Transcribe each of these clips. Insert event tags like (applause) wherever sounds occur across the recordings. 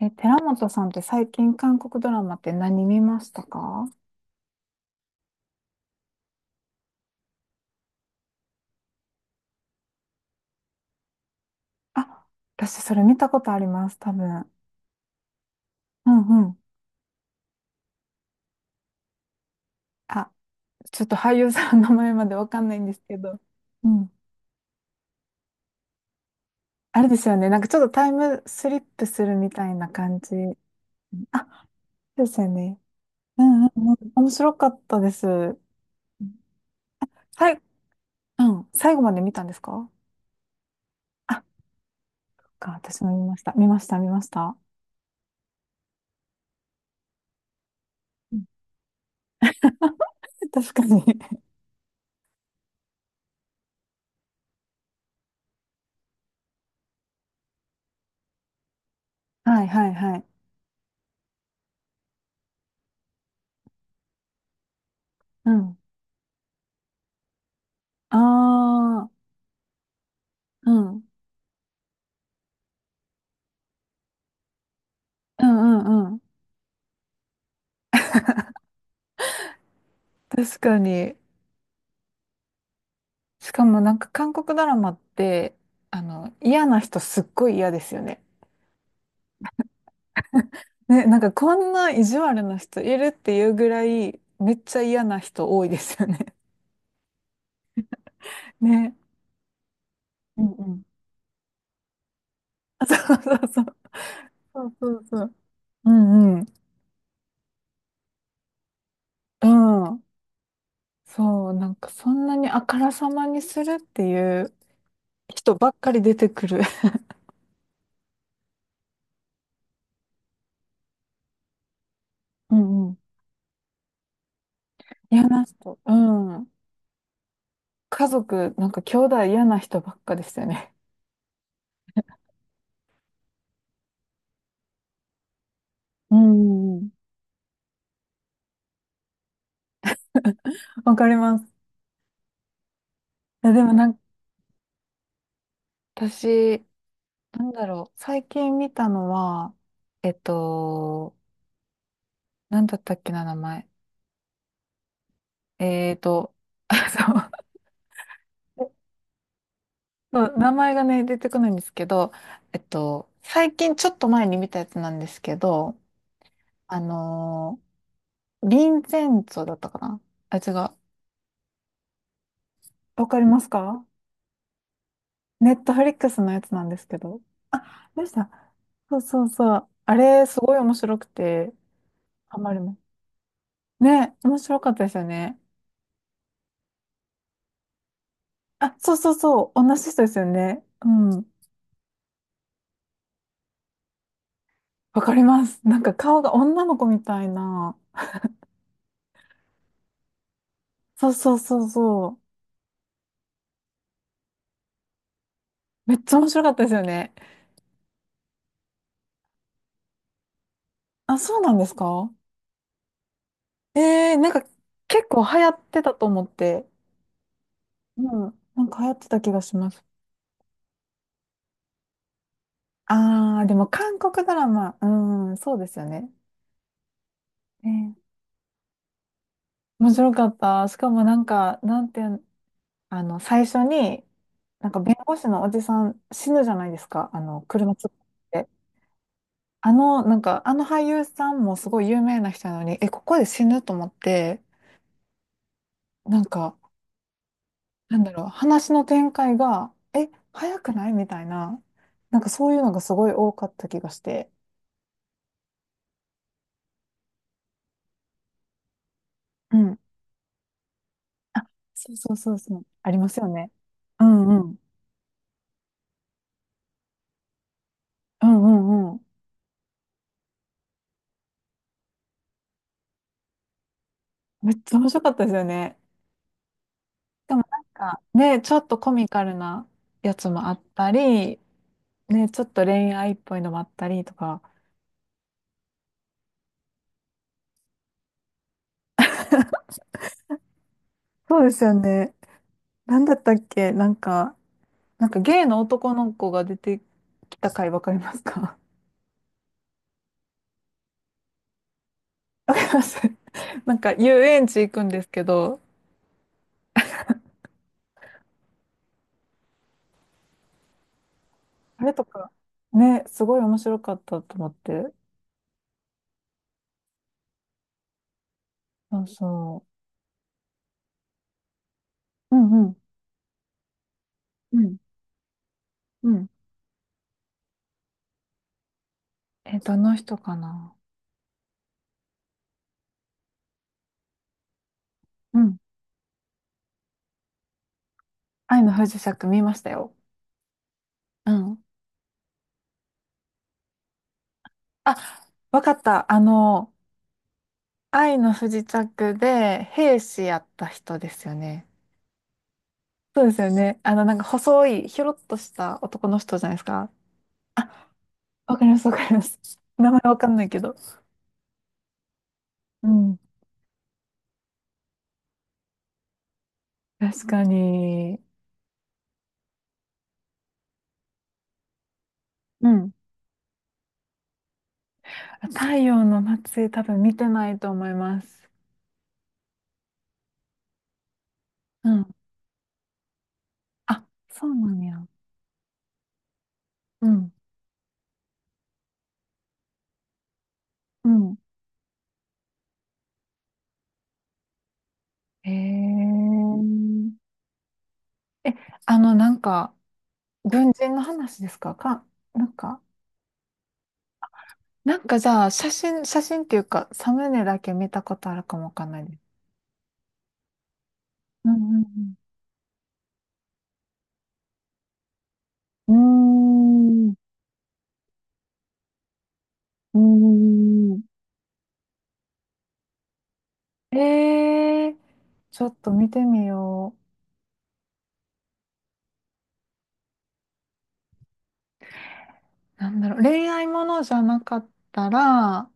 寺本さんって最近韓国ドラマって何見ましたか？あ、私それ見たことあります、多分。うんうん。あ、ちょっと俳優さんの名前までわかんないんですけど。うん。あれですよね。なんかちょっとタイムスリップするみたいな感じ。あ、そうですよね。うんうんうん。面白かったです。うん。はい。うん。最後まで見たんですか？あ、そっか、私も見ました。見ました、見ました。うん。 (laughs) 確かに。はいはいはい。うん。ああ。うん。うんうんうん。確かに。しかもなんか韓国ドラマって、あの、嫌な人すっごい嫌ですよね。ね、なんかこんな意地悪な人いるっていうぐらい、めっちゃ嫌な人多いですよね。(laughs) ね。うんうん。(laughs) あ、そうそうそう。そうそうそう。うんうん。うん。そう、なんかそんなにあからさまにするっていう人ばっかり出てくる。(laughs) うんうん。嫌な人。うん。家族、なんか兄弟嫌な人ばっかでしたよね。うん。(laughs) わかります。いや、でもなんか、私、なんだろう。最近見たのは、えっと、なんだったっけな、名前。えっと、(laughs) あ、そう。 (laughs) そう、名前がね、出てこないんですけど、最近ちょっと前に見たやつなんですけど、あのリンゼンツォだったかな。あ、違う。わかりますか？ネットフリックスのやつなんですけど。あ、でした。そうそうそう。あれ、すごい面白くて、ハマります。ね、面白かったですよね。あ、そうそうそう、同じ人ですよね。うん。わかります。なんか顔が女の子みたいな。そうそうそうそう。めっちゃ面白かったですよね。あ、そうなんですか？えー、なんか結構流行ってたと思って。うん。なんか流行ってた気がします。あー、でも韓国ドラマ、うん、そうですよね。えー、面白かった。しかもなんか、なんて、あの、最初に、なんか弁護士のおじさん死ぬじゃないですか。あの、車突っ込んで。あの、なんか、あの俳優さんもすごい有名な人なのに、え、ここで死ぬと思って、なんか、なんだろう、話の展開が、え、早くないみたいな、なんかそういうのがすごい多かった気がして。うん。あ、そうそうそうそう。ありますよね。うんうん。うんうんうん。めっちゃ面白かったですよね。でもなんか、ね、ちょっとコミカルなやつもあったり、ね、ちょっと恋愛っぽいのもあったりとか、そうですよね。なんだったっけなんか、なんかゲイの男の子が出てきた回わかりますか？ (laughs) わかります。 (laughs) なんか遊園地行くんですけど、あれとか、ね、すごい面白かったと思って。そうそう。うんうん。うん。うん。どの人かな。うん。愛の不時着見ましたよ。うん。あ、わかった。あの、愛の不時着で兵士やった人ですよね。そうですよね。あの、なんか細い、ひょろっとした男の人じゃないですか。あ、わかります、わかります。名前わかんないけど。うん。確かに。うん。太陽の末裔多分見てないと思います。うん。あ、そうなんや。うん。うん。へえ。え、あの、なんか、軍人の話ですかか、なんか、なんかじゃあ、写真、写真っていうか、サムネだけ見たことあるかもわかんないです。うんうんうん。うーん。うーん。えー、ちょっと見てみよう。なんだろう、恋愛ものじゃなかったら、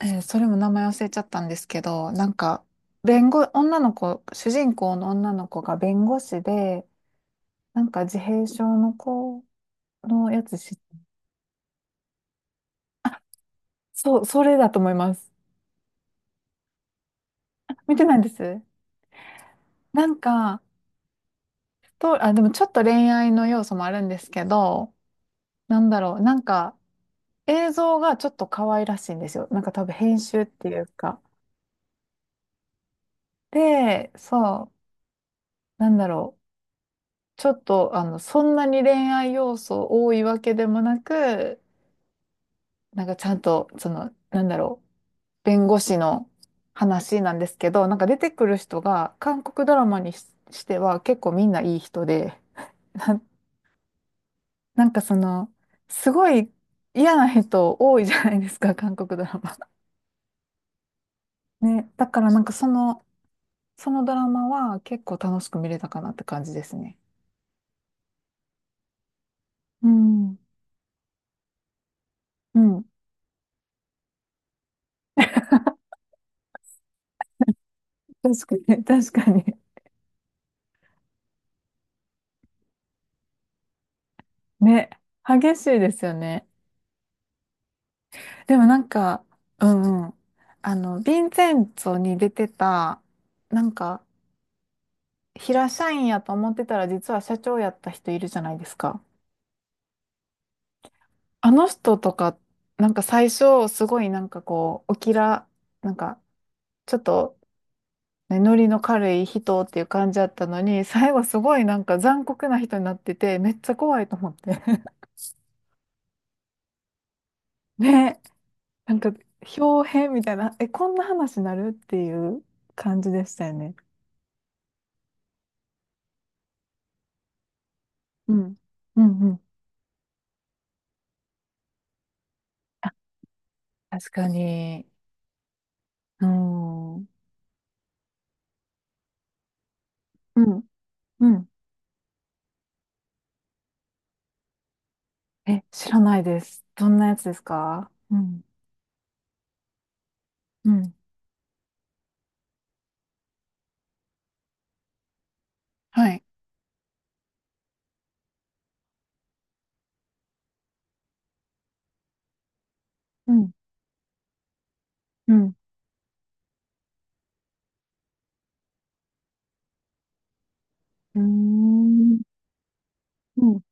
えー、それも名前忘れちゃったんですけど、なんか、弁護、女の子、主人公の女の子が弁護士で、なんか自閉症の子のやつし、そう、それだと思います。見てないんです。なんか、と、あ、でもちょっと恋愛の要素もあるんですけど、なんだろう、なんか、映像がちょっと可愛らしいんですよ。なんか多分編集っていうか。で、そう、なんだろう。ちょっと、あの、そんなに恋愛要素多いわけでもなく、なんかちゃんと、その、なんだろう。弁護士の話なんですけど、なんか出てくる人が、韓国ドラマにし、しては結構みんないい人で、な、なんかその、すごい嫌な人多いじゃないですか、韓国ドラマ。ね、だからなんかその、そのドラマは結構楽しく見れたかなって感じですね。うん。うん。確かに、(laughs) 確かに。ね。激しいですよね。でもなんか、うんうん。あの、ヴィンセンツォに出てた、なんか、平社員やと思ってたら実は社長やった人いるじゃないですか。あの人とか、なんか最初、すごいなんかこう、おきら、なんか、ちょっとねノリの軽い人っていう感じだったのに、(laughs) 最後すごいなんか残酷な人になってて、めっちゃ怖いと思って。(laughs) ね、なんか、豹変みたいな、え、こんな話になるっていう感じでしたよね。うん。うんうん。あ、確かに。うん。うん。うん。え、知らないです。どんなやつですか？うん。うん。はい。うん。うん。うーん。うん。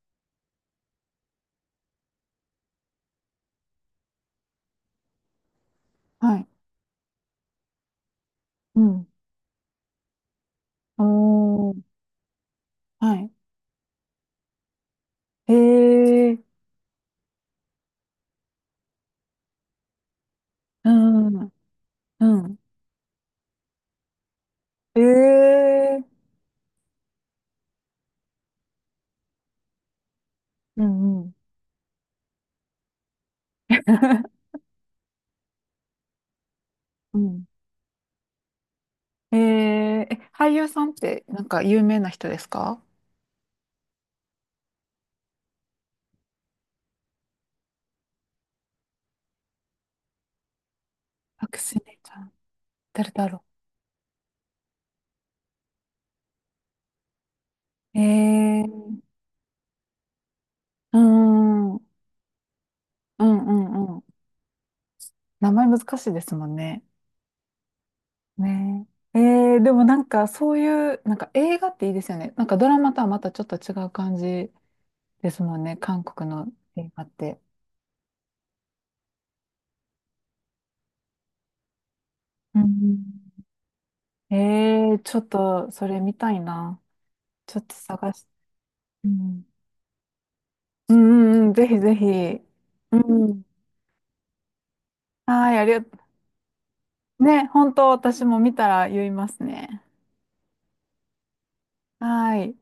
はい。うん。おー。はい。えー。うん。うん。ええ。うんうん。(laughs) うん。ええ、え、俳優さんってなんか有名な人ですか？アクシネちゃん。誰だろう。ええ、うん、うん、うん、うん。名前難しいですもんね。ねえ。ええ、でもなんかそういう、なんか映画っていいですよね。なんかドラマとはまたちょっと違う感じですもんね。韓国の映画って。うんうん。ええ、ちょっとそれ見たいな。ちょっと探し、うんうんうん、うん、ぜひぜひ。うん。はい、ありがとう。ね、本当私も見たら言いますね。はい。